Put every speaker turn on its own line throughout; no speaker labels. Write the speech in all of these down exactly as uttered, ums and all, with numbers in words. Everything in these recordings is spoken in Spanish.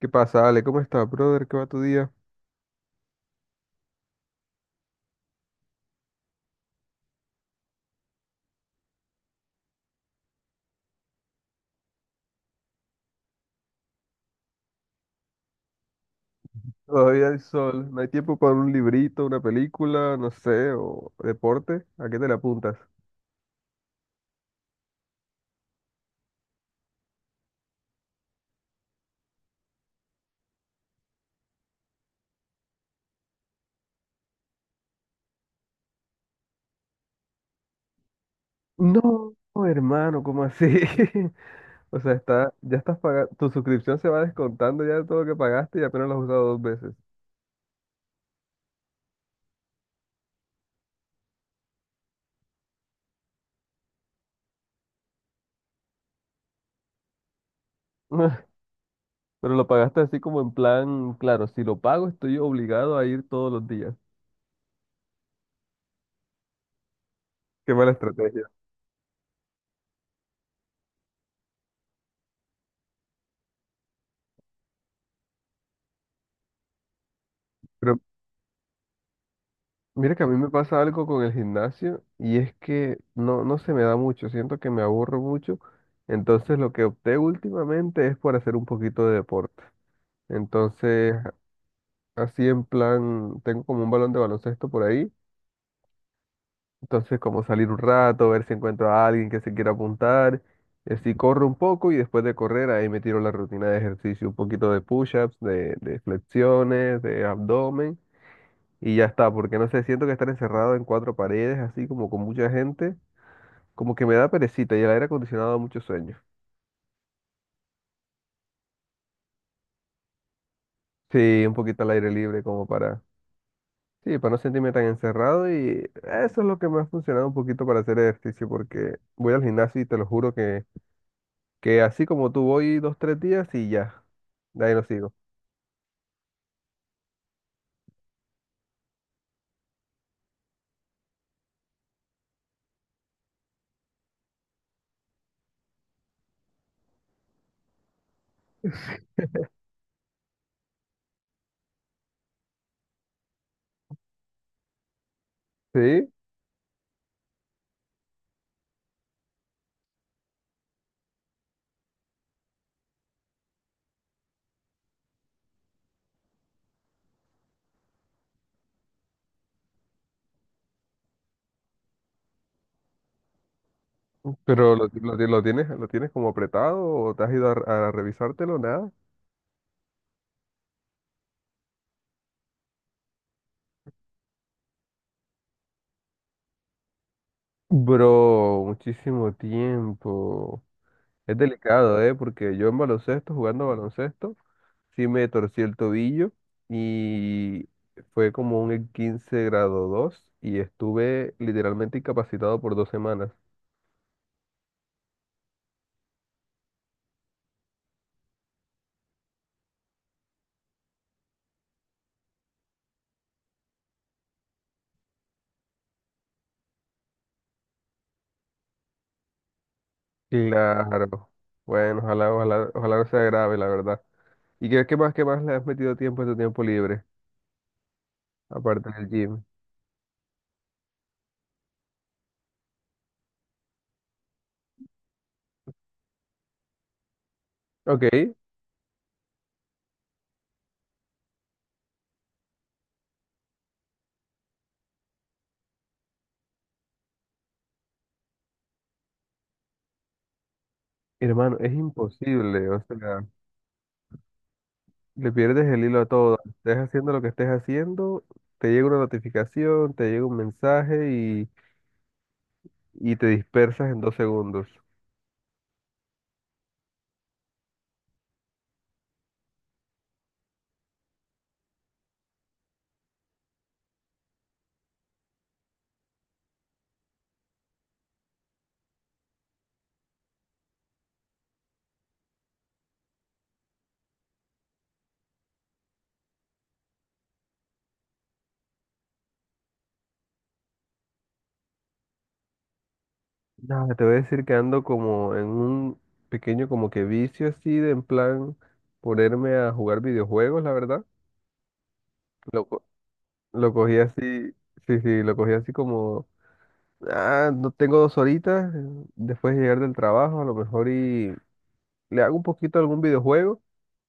¿Qué pasa, Ale? ¿Cómo estás, brother? ¿Qué va tu día? Todavía hay sol, no hay tiempo para un librito, una película, no sé, o deporte. ¿A qué te le apuntas? No, hermano, ¿cómo así? O sea, está, ya estás pagando, tu suscripción se va descontando ya de todo lo que pagaste y apenas lo has usado dos veces. Pero lo pagaste así como en plan, claro, si lo pago estoy obligado a ir todos los días. Qué mala estrategia. Pero Mira que a mí me pasa algo con el gimnasio y es que no, no se me da mucho, siento que me aburro mucho, entonces lo que opté últimamente es por hacer un poquito de deporte. Entonces, así en plan, tengo como un balón de baloncesto por ahí, entonces como salir un rato, ver si encuentro a alguien que se quiera apuntar, y así corro un poco y después de correr ahí me tiro la rutina de ejercicio, un poquito de push-ups, de, de flexiones, de abdomen. Y ya está, porque no sé, siento que estar encerrado en cuatro paredes, así como con mucha gente, como que me da perecita y el aire acondicionado da mucho sueño. Sí, un poquito al aire libre como para, sí, para no sentirme tan encerrado y eso es lo que me ha funcionado un poquito para hacer ejercicio, porque voy al gimnasio y te lo juro que, que así como tú voy dos, tres días y ya, de ahí no sigo. Sí, pero lo, lo, lo tienes, lo tienes como apretado o te has ido a, a revisártelo, nada. Bro, muchísimo tiempo. Es delicado, ¿eh? Porque yo en baloncesto, jugando baloncesto, sí me torcí el tobillo y fue como un quince grado dos y estuve literalmente incapacitado por dos semanas. Claro. Bueno, ojalá, ojalá, ojalá no sea grave, la verdad. ¿Y qué, qué más, qué más le has metido tiempo a tu tiempo libre, aparte del gym? Ok, hermano, es imposible, o sea, le pierdes el hilo a todo. Estés haciendo lo que estés haciendo, te llega una notificación, te llega un mensaje y te dispersas en dos segundos. Nada, te voy a decir que ando como en un pequeño como que vicio así de en plan ponerme a jugar videojuegos, la verdad. Lo, co- lo cogí así, sí, sí, lo cogí así como, ah, no tengo dos horitas eh, después de llegar del trabajo, a lo mejor y le hago un poquito a algún videojuego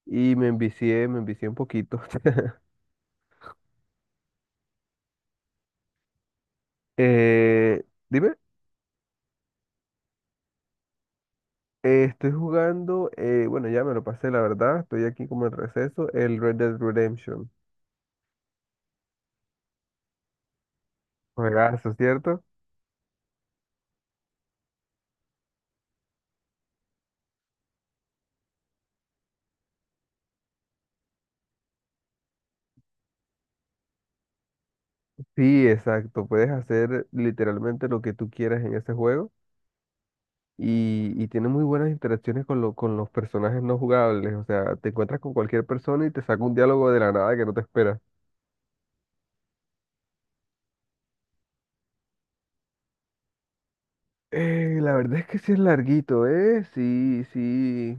y me envicié, me envicié un poquito. Eh, dime. Eh, estoy jugando, eh, bueno, ya me lo pasé, la verdad, estoy aquí como en receso, el Red Dead Redemption. Juegazo, ¿cierto? Sí, exacto. Puedes hacer literalmente lo que tú quieras en ese juego y, y tiene muy buenas interacciones con, lo- con los personajes no jugables. O sea, te encuentras con cualquier persona y te saca un diálogo de la nada que no te esperas. Eh, la verdad es que sí es larguito, ¿eh? Sí, sí,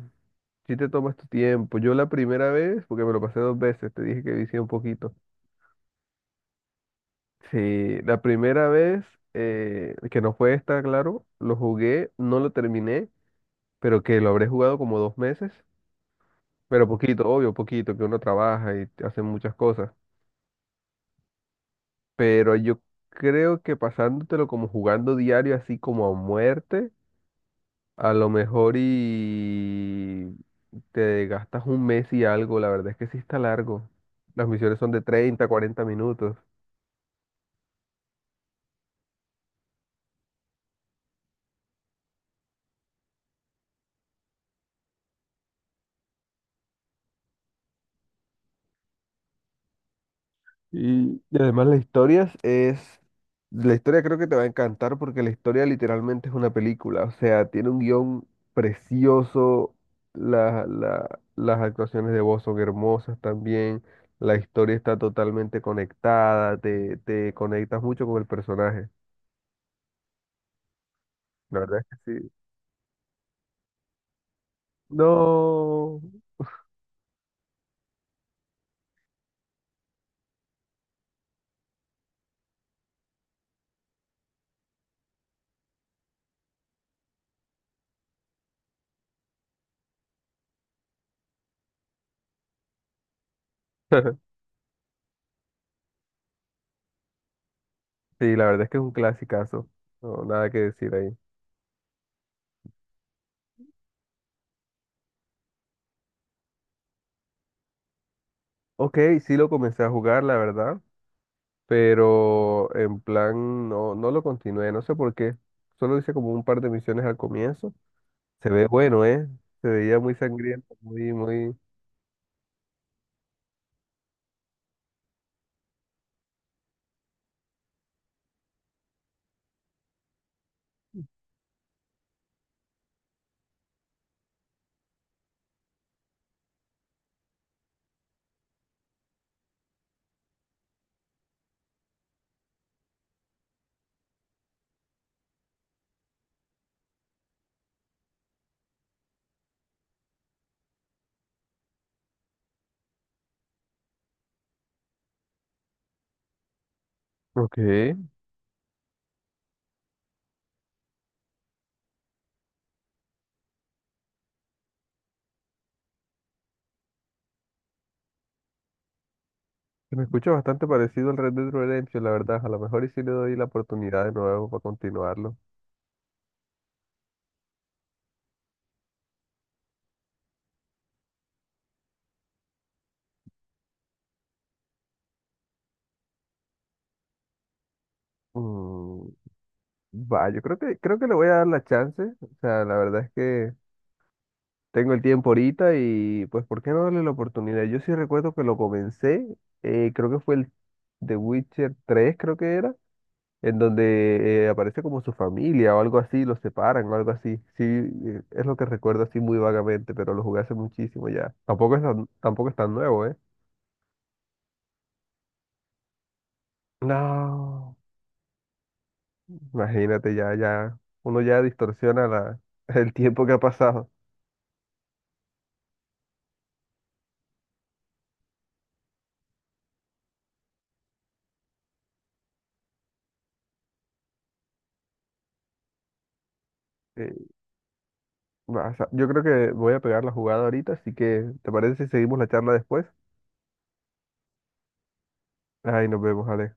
sí te tomas tu tiempo. Yo la primera vez, porque me lo pasé dos veces, te dije que vicié un poquito. Sí, la primera vez, eh, que no fue esta, claro, lo jugué, no lo terminé, pero que lo habré jugado como dos meses. Pero poquito, obvio, poquito, que uno trabaja y hace muchas cosas. Pero yo creo que pasándotelo como jugando diario, así como a muerte, a lo mejor y te gastas un mes y algo. La verdad es que sí está largo. Las misiones son de treinta cuarenta minutos. Y, y además las historias es, la historia creo que te va a encantar porque la historia literalmente es una película, o sea, tiene un guión precioso, la- la- las actuaciones de voz son hermosas también, la historia está totalmente conectada, te, te conectas mucho con el personaje, la verdad es que sí. No, sí, la verdad es que es un clasicazo, no, nada que decir ahí. Ok, sí lo comencé a jugar, la verdad. Pero en plan no, no lo continué, no sé por qué. Solo hice como un par de misiones al comienzo. Se ve bueno, ¿eh? Se veía muy sangriento, muy, muy... Ok, se me escucha bastante parecido al Red Dead Redemption, la verdad. A lo mejor y si le doy la oportunidad de nuevo para continuarlo. Mm, va, yo creo que, creo que le voy a dar la chance. O sea, la verdad es que tengo el tiempo ahorita y pues, ¿por qué no darle la oportunidad? Yo sí recuerdo que lo comencé, eh, creo que fue el The Witcher tres, creo que era, en donde eh, aparece como su familia o algo así, los separan o algo así. Sí, eh, es lo que recuerdo así muy vagamente, pero lo jugué hace muchísimo ya. Tampoco es tan, tampoco es tan nuevo, ¿eh? No, imagínate ya, ya, uno ya distorsiona la, el tiempo que ha pasado. Eh, vas a- yo creo que voy a pegar la jugada ahorita, así que ¿te parece si seguimos la charla después? Ay, nos vemos, Ale.